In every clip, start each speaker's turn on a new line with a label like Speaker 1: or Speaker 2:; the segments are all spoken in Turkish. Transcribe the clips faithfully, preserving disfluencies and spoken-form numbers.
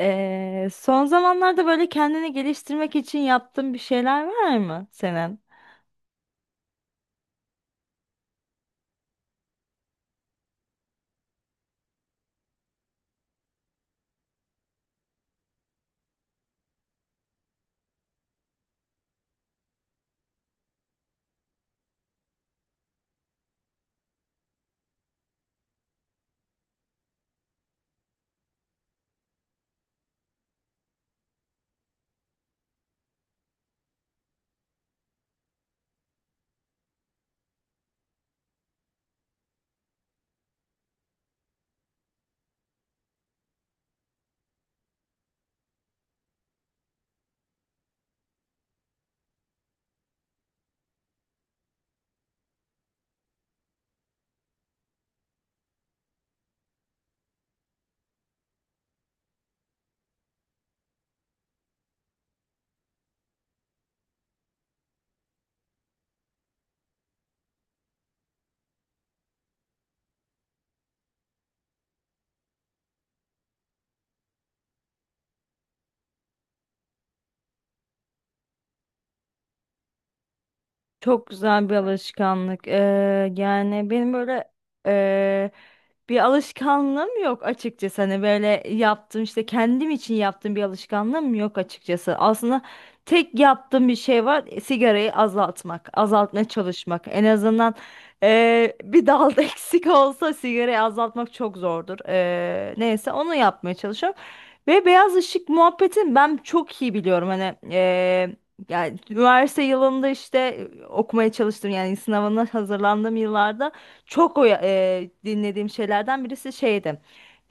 Speaker 1: Ee, son zamanlarda böyle kendini geliştirmek için yaptığın bir şeyler var mı senin? Çok güzel bir alışkanlık. Ee, yani benim böyle ee, bir alışkanlığım yok açıkçası. Hani böyle yaptığım işte kendim için yaptığım bir alışkanlığım yok açıkçası. Aslında tek yaptığım bir şey var. e, Sigarayı azaltmak, azaltmaya çalışmak. En azından ee, bir dalda eksik olsa sigarayı azaltmak çok zordur. Ee, neyse onu yapmaya çalışıyorum. Ve beyaz ışık muhabbetini ben çok iyi biliyorum. Hani eee, yani üniversite yılında işte e, okumaya çalıştım, yani sınavına hazırlandığım yıllarda çok o eee, dinlediğim şeylerden birisi şeydi.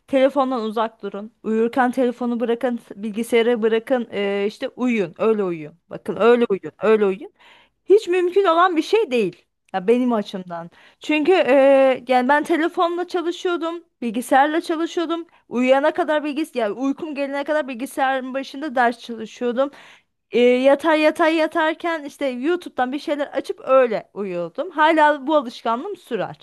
Speaker 1: Telefondan uzak durun. Uyurken telefonu bırakın, bilgisayarı bırakın. eee, işte uyuyun, öyle uyuyun. Bakın öyle uyuyun, öyle uyuyun. Hiç mümkün olan bir şey değil. Ya benim açımdan. Çünkü e, yani ben telefonla çalışıyordum, bilgisayarla çalışıyordum. Uyuyana kadar bilgis yani uykum gelene kadar bilgisayarın başında ders çalışıyordum. E, yatar yatar yatarken işte YouTube'dan bir şeyler açıp öyle uyuyordum. Hala bu alışkanlığım sürer.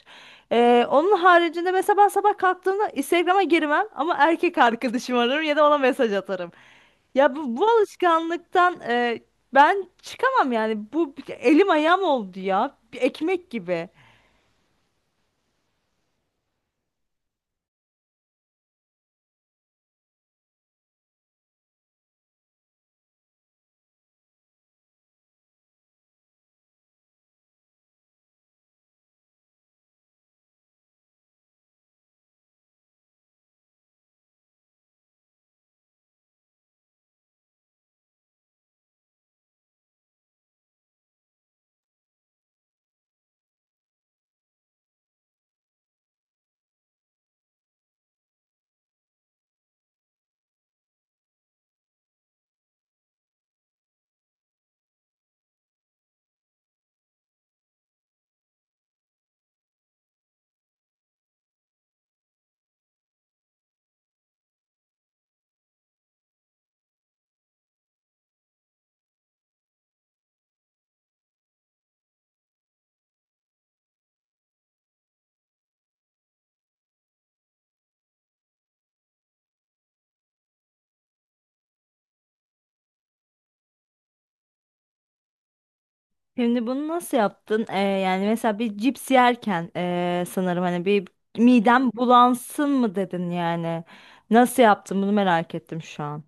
Speaker 1: E, onun haricinde mesela ben sabah kalktığımda Instagram'a girmem ama erkek arkadaşım ararım ya da ona mesaj atarım. Ya bu, bu alışkanlıktan e, ben çıkamam yani. Bu bir- elim ayağım oldu ya. Bir ekmek gibi. Şimdi bunu nasıl yaptın? E, yani mesela bir cips yerken e, sanırım hani bir midem bulansın mı dedin yani. Nasıl yaptın bunu, merak ettim şu an.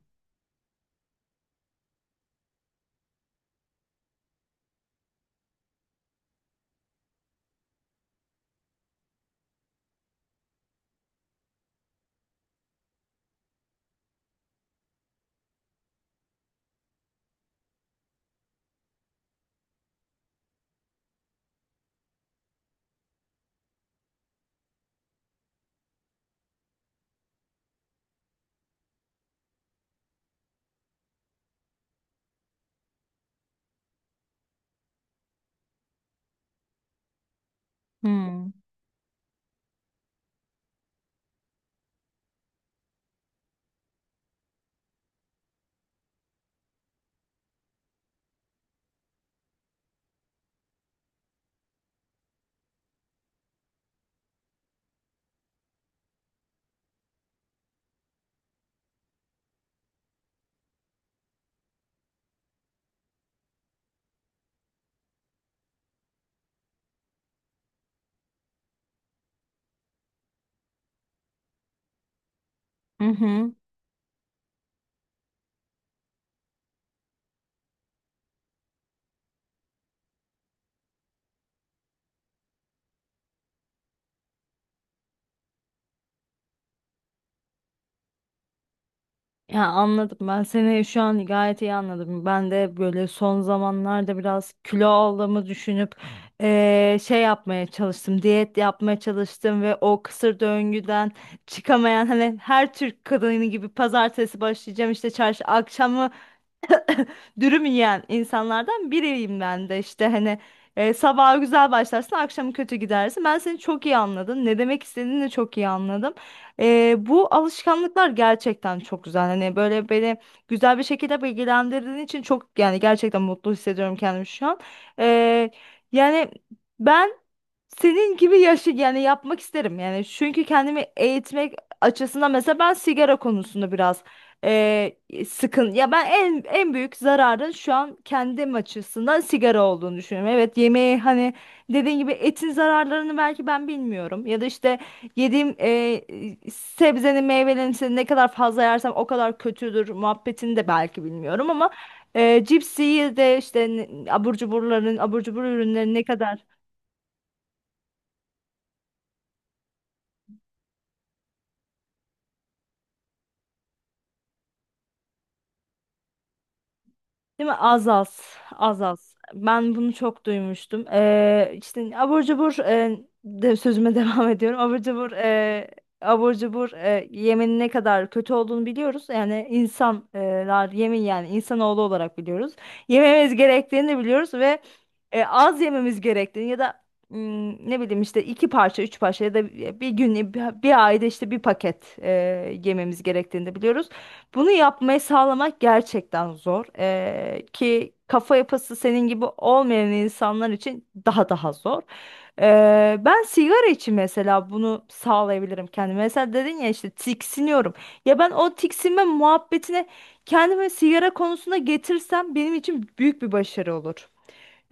Speaker 1: Hmm. Hı hı. Ya anladım, ben seni şu an gayet iyi anladım. Ben de böyle son zamanlarda biraz kilo aldığımı düşünüp eee, şey yapmaya çalıştım. Diyet yapmaya çalıştım ve o kısır döngüden çıkamayan, hani her Türk kadını gibi pazartesi başlayacağım, işte çarşı akşamı dürüm yiyen insanlardan biriyim ben de, işte hani e, sabaha güzel başlarsın, akşamı kötü gidersin. Ben seni çok iyi anladım. Ne demek istediğini de çok iyi anladım. E, bu alışkanlıklar gerçekten çok güzel. Hani böyle beni güzel bir şekilde bilgilendirdiğin için çok, yani gerçekten mutlu hissediyorum kendimi şu an. E, Yani ben senin gibi yaşı yani yapmak isterim yani, çünkü kendimi eğitmek açısından mesela ben sigara konusunda biraz eee, sıkın ya, ben en en büyük zararın şu an kendim açısından sigara olduğunu düşünüyorum. Evet, yemeği hani dediğin gibi etin zararlarını belki ben bilmiyorum ya da işte yediğim eee, sebzenin, meyvelerin işte ne kadar fazla yersem o kadar kötüdür muhabbetini de belki bilmiyorum ama eee cipsi de işte ne- abur cuburların, abur cubur ürünleri ne kadar. Değil mi? Az az. Az az. Ben bunu çok duymuştum. Ee, işte abur cubur e, de sözüme devam ediyorum. Abur cubur e, abur cubur e, yemenin ne kadar kötü olduğunu biliyoruz. Yani insanlar e, yemin yani insanoğlu olarak biliyoruz. Yememiz gerektiğini de biliyoruz ve e, az yememiz gerektiğini ya da mm, ne bileyim işte iki parça, üç parça ya da bir gün bir, bir ayda işte bir paket e, yememiz gerektiğini de biliyoruz. Bunu yapmayı sağlamak gerçekten zor. Ee, ki kafa yapısı senin gibi olmayan insanlar için daha daha zor. Ee, ben sigara için mesela bunu sağlayabilirim kendime. Mesela dedin ya işte, tiksiniyorum. Ya ben o tiksinme muhabbetine kendimi sigara konusunda getirsem benim için büyük bir başarı olur.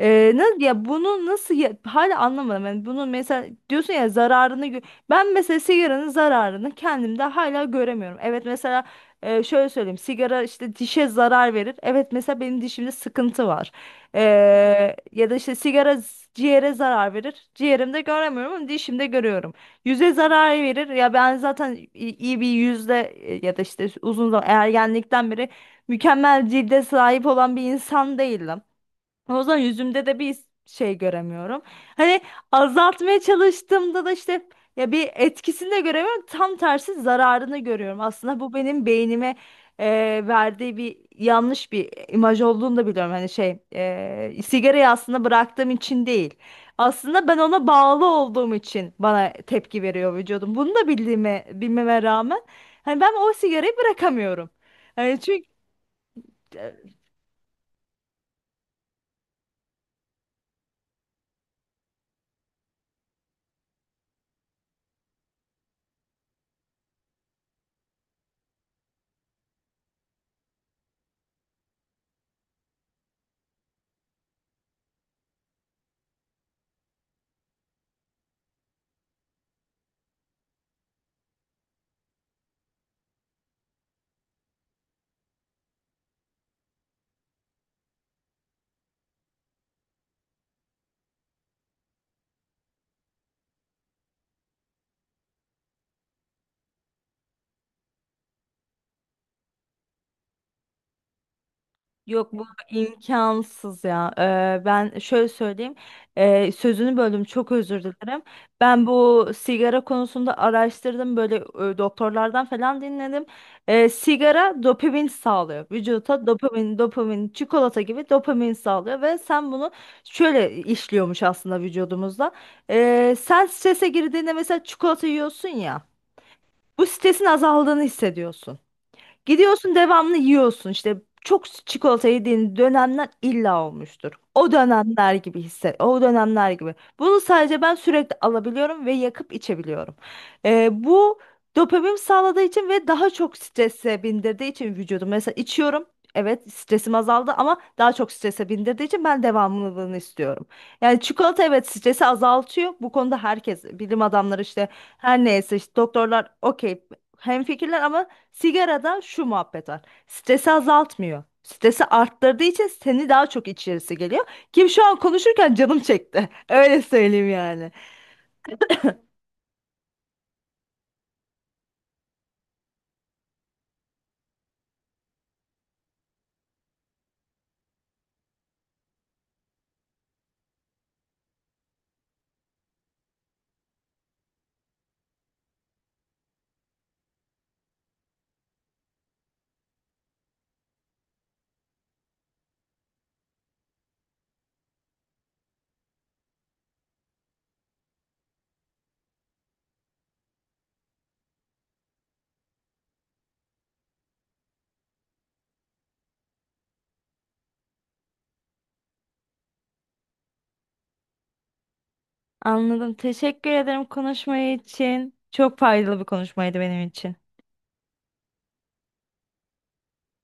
Speaker 1: Ee, nasıl ya Bunu nasıl ya- hala anlamadım. Yani bunu mesela diyorsun ya, zararını gö- ben mesela sigaranın zararını kendimde hala göremiyorum. Evet mesela e, şöyle söyleyeyim, sigara işte dişe zarar verir. Evet mesela benim dişimde sıkıntı var. Ee, Ya da işte sigara z- ciğere zarar verir. Ciğerimde göremiyorum ama dişimde görüyorum. Yüze zarar verir. Ya ben zaten i- iyi bir yüzde e, ya da işte uzun zaman, ergenlikten beri mükemmel cilde sahip olan bir insan değildim. O zaman yüzümde de bir şey göremiyorum. Hani azaltmaya çalıştığımda da işte ya bir etkisini de göremiyorum. Tam tersi zararını görüyorum. Aslında bu benim beynime e, verdiği bir yanlış bir imaj olduğunu da biliyorum. Hani şey e, sigarayı aslında bıraktığım için değil. Aslında ben ona bağlı olduğum için bana tepki veriyor vücudum. Bunu da bildiğime, bilmeme rağmen hani ben o sigarayı bırakamıyorum. Hani çünkü İmkansız ya. Ee, ben şöyle söyleyeyim. Ee, sözünü böldüm, çok özür dilerim. Ben bu sigara konusunda araştırdım. Böyle e, doktorlardan falan dinledim. Ee, sigara dopamin sağlıyor. Vücuda dopamin, dopamin, çikolata gibi dopamin sağlıyor. Ve sen bunu şöyle işliyormuş aslında vücudumuzda. Ee, sen strese girdiğinde mesela çikolata yiyorsun ya. Bu stresin azaldığını hissediyorsun. Gidiyorsun devamlı yiyorsun, işte çok çikolata yediğin dönemler illa olmuştur. O dönemler gibi hisset, o dönemler gibi. Bunu sadece ben sürekli alabiliyorum ve yakıp içebiliyorum. Ee, bu dopamin sağladığı için ve daha çok strese bindirdiği için vücudum. Mesela içiyorum. Evet stresim azaldı ama daha çok strese bindirdiği için ben devamlılığını istiyorum. Yani çikolata, evet, stresi azaltıyor. Bu konuda herkes, bilim adamları işte her neyse, işte doktorlar, okey, hemfikirler, ama sigarada şu muhabbet var. Stresi azaltmıyor. Stresi arttırdığı için seni daha çok içerisi geliyor. Kim şu an konuşurken canım çekti. Öyle söyleyeyim yani. Anladım. Teşekkür ederim konuşmayı için. Çok faydalı bir konuşmaydı benim için.